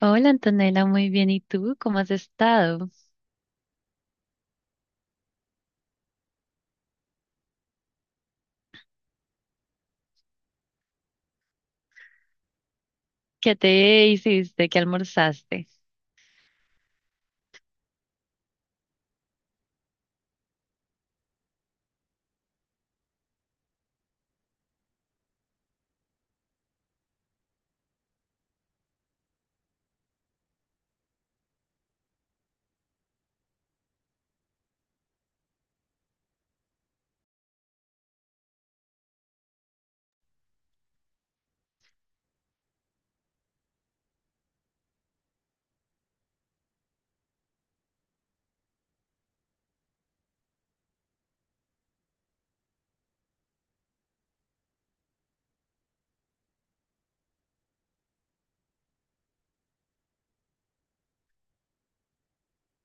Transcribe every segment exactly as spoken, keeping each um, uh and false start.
Hola Antonella, muy bien. ¿Y tú cómo has estado? ¿Qué te hiciste? ¿Qué almorzaste?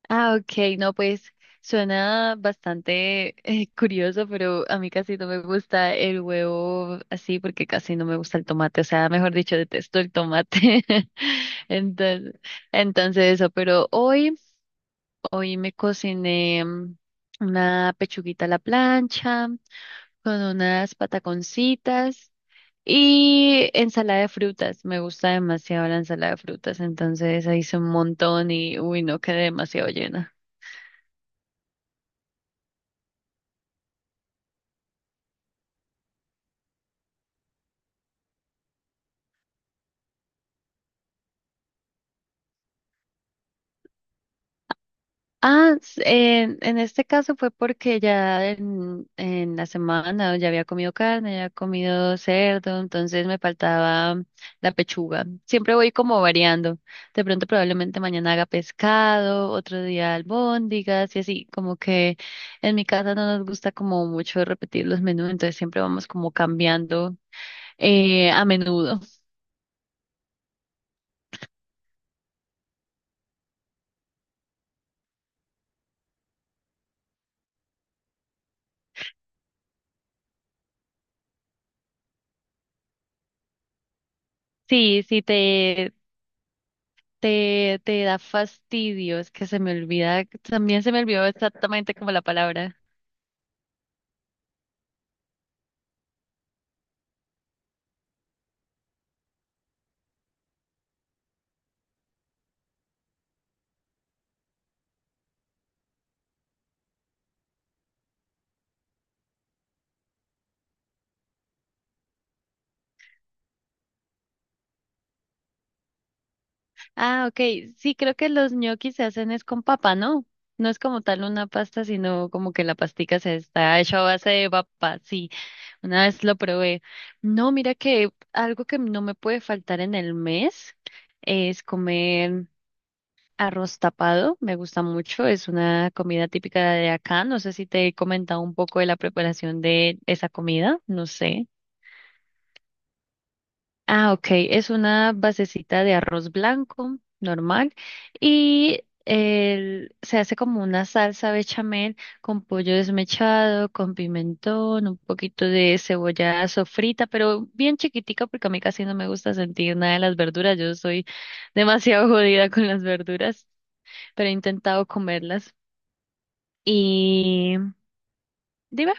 Ah, ok, no, pues suena bastante eh, curioso, pero a mí casi no me gusta el huevo así porque casi no me gusta el tomate, o sea, mejor dicho, detesto el tomate. Entonces, entonces eso, pero hoy, hoy me cociné mm, una pechuguita a la plancha con unas pataconcitas. Y ensalada de frutas, me gusta demasiado la ensalada de frutas, entonces ahí hice un montón y uy, no quedé demasiado llena. Ah, s- en, en este caso fue porque ya en, en la semana ya había comido carne, ya había comido cerdo, entonces me faltaba la pechuga. Siempre voy como variando. De pronto probablemente mañana haga pescado, otro día albóndigas y así, como que en mi casa no nos gusta como mucho repetir los menús, entonces siempre vamos como cambiando eh, a menudo. Sí, sí, te, te, te da fastidio, es que se me olvida, también se me olvidó exactamente como la palabra. Ah, ok, sí, creo que los ñoquis se hacen es con papa, ¿no? No es como tal una pasta, sino como que la pastica se está hecha a base de papa, sí, una vez lo probé. No, mira que algo que no me puede faltar en el mes es comer arroz tapado, me gusta mucho, es una comida típica de acá. No sé si te he comentado un poco de la preparación de esa comida, no sé. Ah, ok, es una basecita de arroz blanco normal y el- se hace como una salsa bechamel con pollo desmechado, con pimentón, un poquito de cebolla sofrita, pero bien chiquitica porque a mí casi no me gusta sentir nada de las verduras. Yo soy demasiado jodida con las verduras, pero he intentado comerlas. Y dime,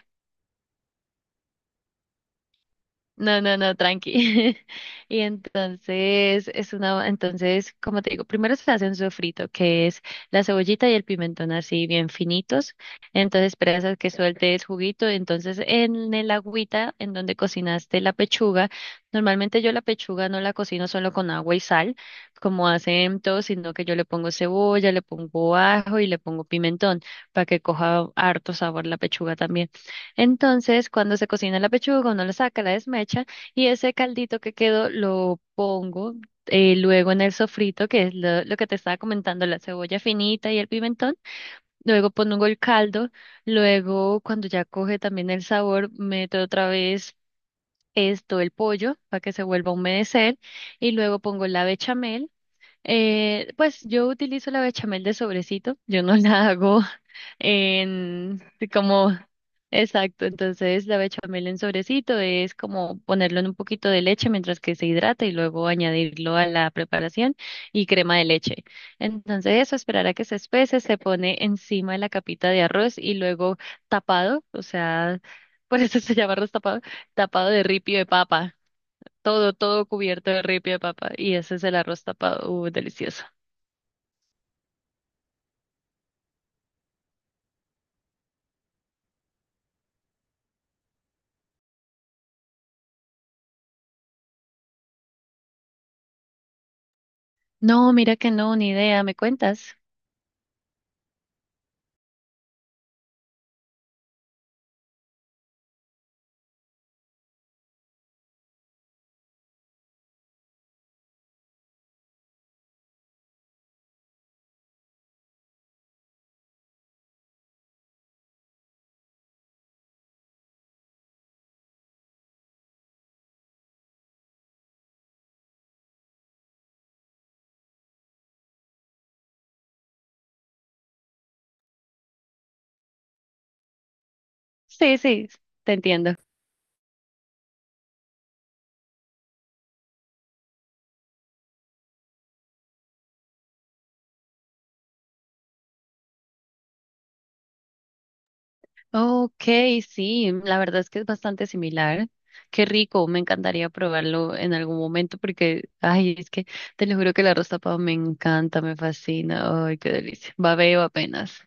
no, no, no, tranqui. Y entonces es una, entonces, como te digo, primero se hace un sofrito, que es la cebollita y el pimentón así bien finitos. Entonces esperas a que suelte el juguito. Entonces en el agüita en donde cocinaste la pechuga, normalmente yo la pechuga no la cocino solo con agua y sal, como hacen todos, sino que yo le pongo cebolla, le pongo ajo y le pongo pimentón para que coja harto sabor la pechuga también. Entonces, cuando se cocina la pechuga, uno la saca, la desmecha y ese caldito que quedó lo pongo eh, luego en el sofrito, que es lo, lo que te estaba comentando, la cebolla finita y el pimentón. Luego pongo el caldo, luego cuando ya coge también el sabor, meto otra vez esto, el pollo, para que se vuelva a humedecer y luego pongo la bechamel. Eh, pues yo utilizo la bechamel de sobrecito, yo no la hago en como exacto, entonces la bechamel en sobrecito es como ponerlo en un poquito de leche mientras que se hidrata y luego añadirlo a la preparación y crema de leche. Entonces eso, esperar a que se espese, se pone encima de la capita de arroz y luego tapado, o sea, por eso se llama arroz tapado, tapado de ripio de papa. Todo, todo cubierto de ripio de papa. Y ese es el arroz tapado. Uh, delicioso. No, mira que no, ni idea. ¿Me cuentas? Sí, sí, te entiendo. Ok, sí, la verdad es que es bastante similar. Qué rico, me encantaría probarlo en algún momento porque, ay, es que te lo juro que el arroz tapado me encanta, me fascina. Ay, qué delicia. Babeo apenas.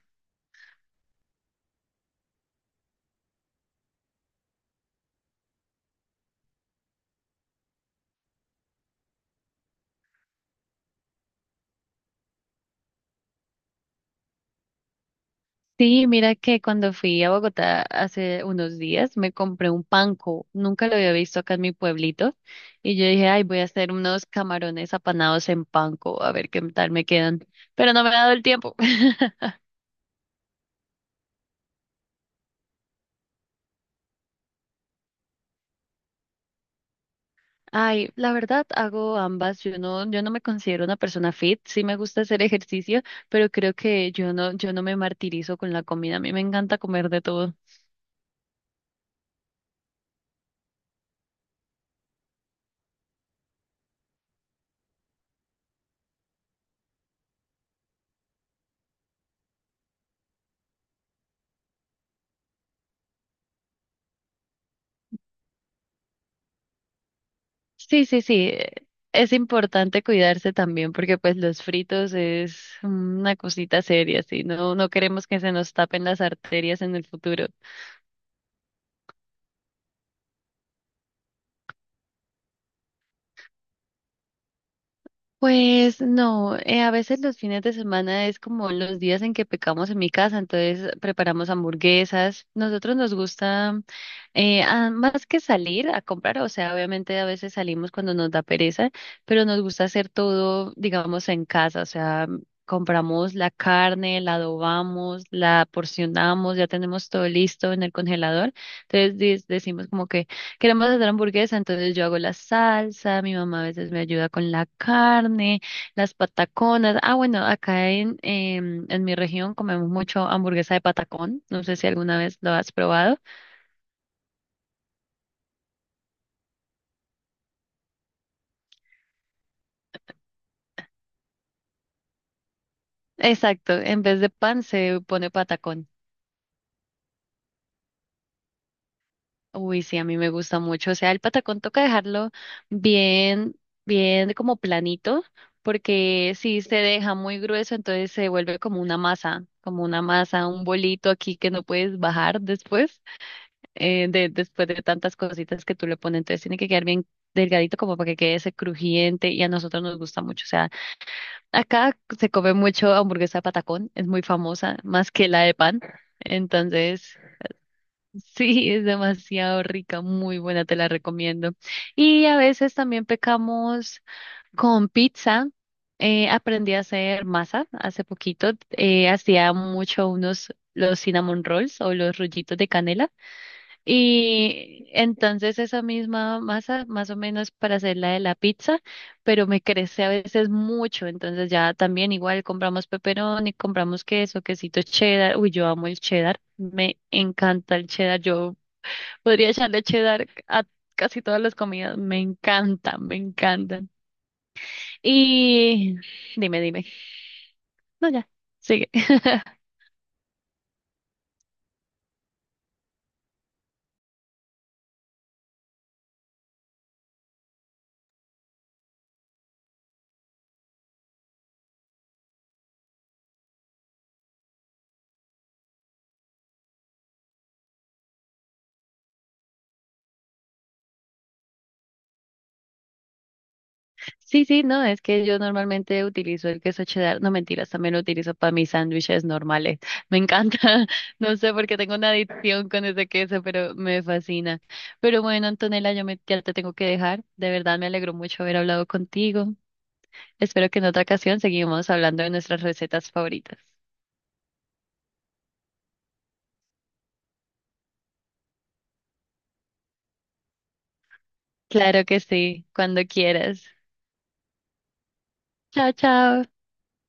Sí, mira que cuando fui a Bogotá hace unos días me compré un panko, nunca lo había visto acá en mi pueblito, y yo dije, ay, voy a hacer unos camarones apanados en panko, a ver qué tal me quedan, pero no me ha dado el tiempo. Ay, la verdad hago ambas, yo no, yo no me considero una persona fit, sí me gusta hacer ejercicio, pero creo que yo no, yo no me martirizo con la comida, a mí me encanta comer de todo. Sí, sí, sí. eh, Es importante cuidarse también porque pues los fritos es una cosita seria, sí. No, no queremos que se nos tapen las arterias en el futuro. Pues no, eh, a veces los fines de semana es como los días en que pecamos en mi casa, entonces preparamos hamburguesas. Nosotros nos gusta eh, ah, más que salir a comprar, o sea, obviamente a veces salimos cuando nos da pereza, pero nos gusta hacer todo, digamos, en casa, o sea, compramos la carne, la adobamos, la porcionamos, ya tenemos todo listo en el congelador, entonces dis- decimos como que queremos hacer hamburguesa, entonces yo hago la salsa, mi mamá a veces me ayuda con la carne, las pataconas. Ah, bueno, acá en, em, en mi región comemos mucho hamburguesa de patacón. No sé si alguna vez lo has probado. Exacto, en vez de pan se pone patacón. Uy, sí, a mí me gusta mucho. O sea, el patacón toca dejarlo bien, bien como planito, porque si se deja muy grueso, entonces se vuelve como una masa, como una masa, un bolito aquí que no puedes bajar después. Eh, de, después de tantas cositas que tú le pones. Entonces tiene que quedar bien delgadito como para que quede ese crujiente y a nosotros nos gusta mucho. O sea, acá se come mucho hamburguesa de patacón, es muy famosa, más que la de pan. Entonces, sí, es demasiado rica, muy buena, te la recomiendo. Y a veces también pecamos con pizza. Eh, aprendí a hacer masa hace poquito. Eh, hacía mucho unos los cinnamon rolls o los rollitos de canela. Y entonces esa misma masa, más o menos para hacer la de la pizza, pero me crece a veces mucho. Entonces ya también igual compramos pepperoni, compramos queso, quesito cheddar. Uy, yo amo el cheddar. Me encanta el cheddar. Yo podría echarle cheddar a casi todas las comidas. Me encantan, me encantan. Y dime, dime. No, ya, sigue. Sí, sí, no, es que yo normalmente utilizo el queso cheddar, no mentiras, también lo utilizo para mis sándwiches normales. Me encanta, no sé por qué tengo una adicción con ese queso, pero me fascina. Pero bueno, Antonella, yo me, ya te tengo que dejar. De verdad me alegró mucho haber hablado contigo. Espero que en otra ocasión seguimos hablando de nuestras recetas favoritas. Claro que sí, cuando quieras. Chao, chao.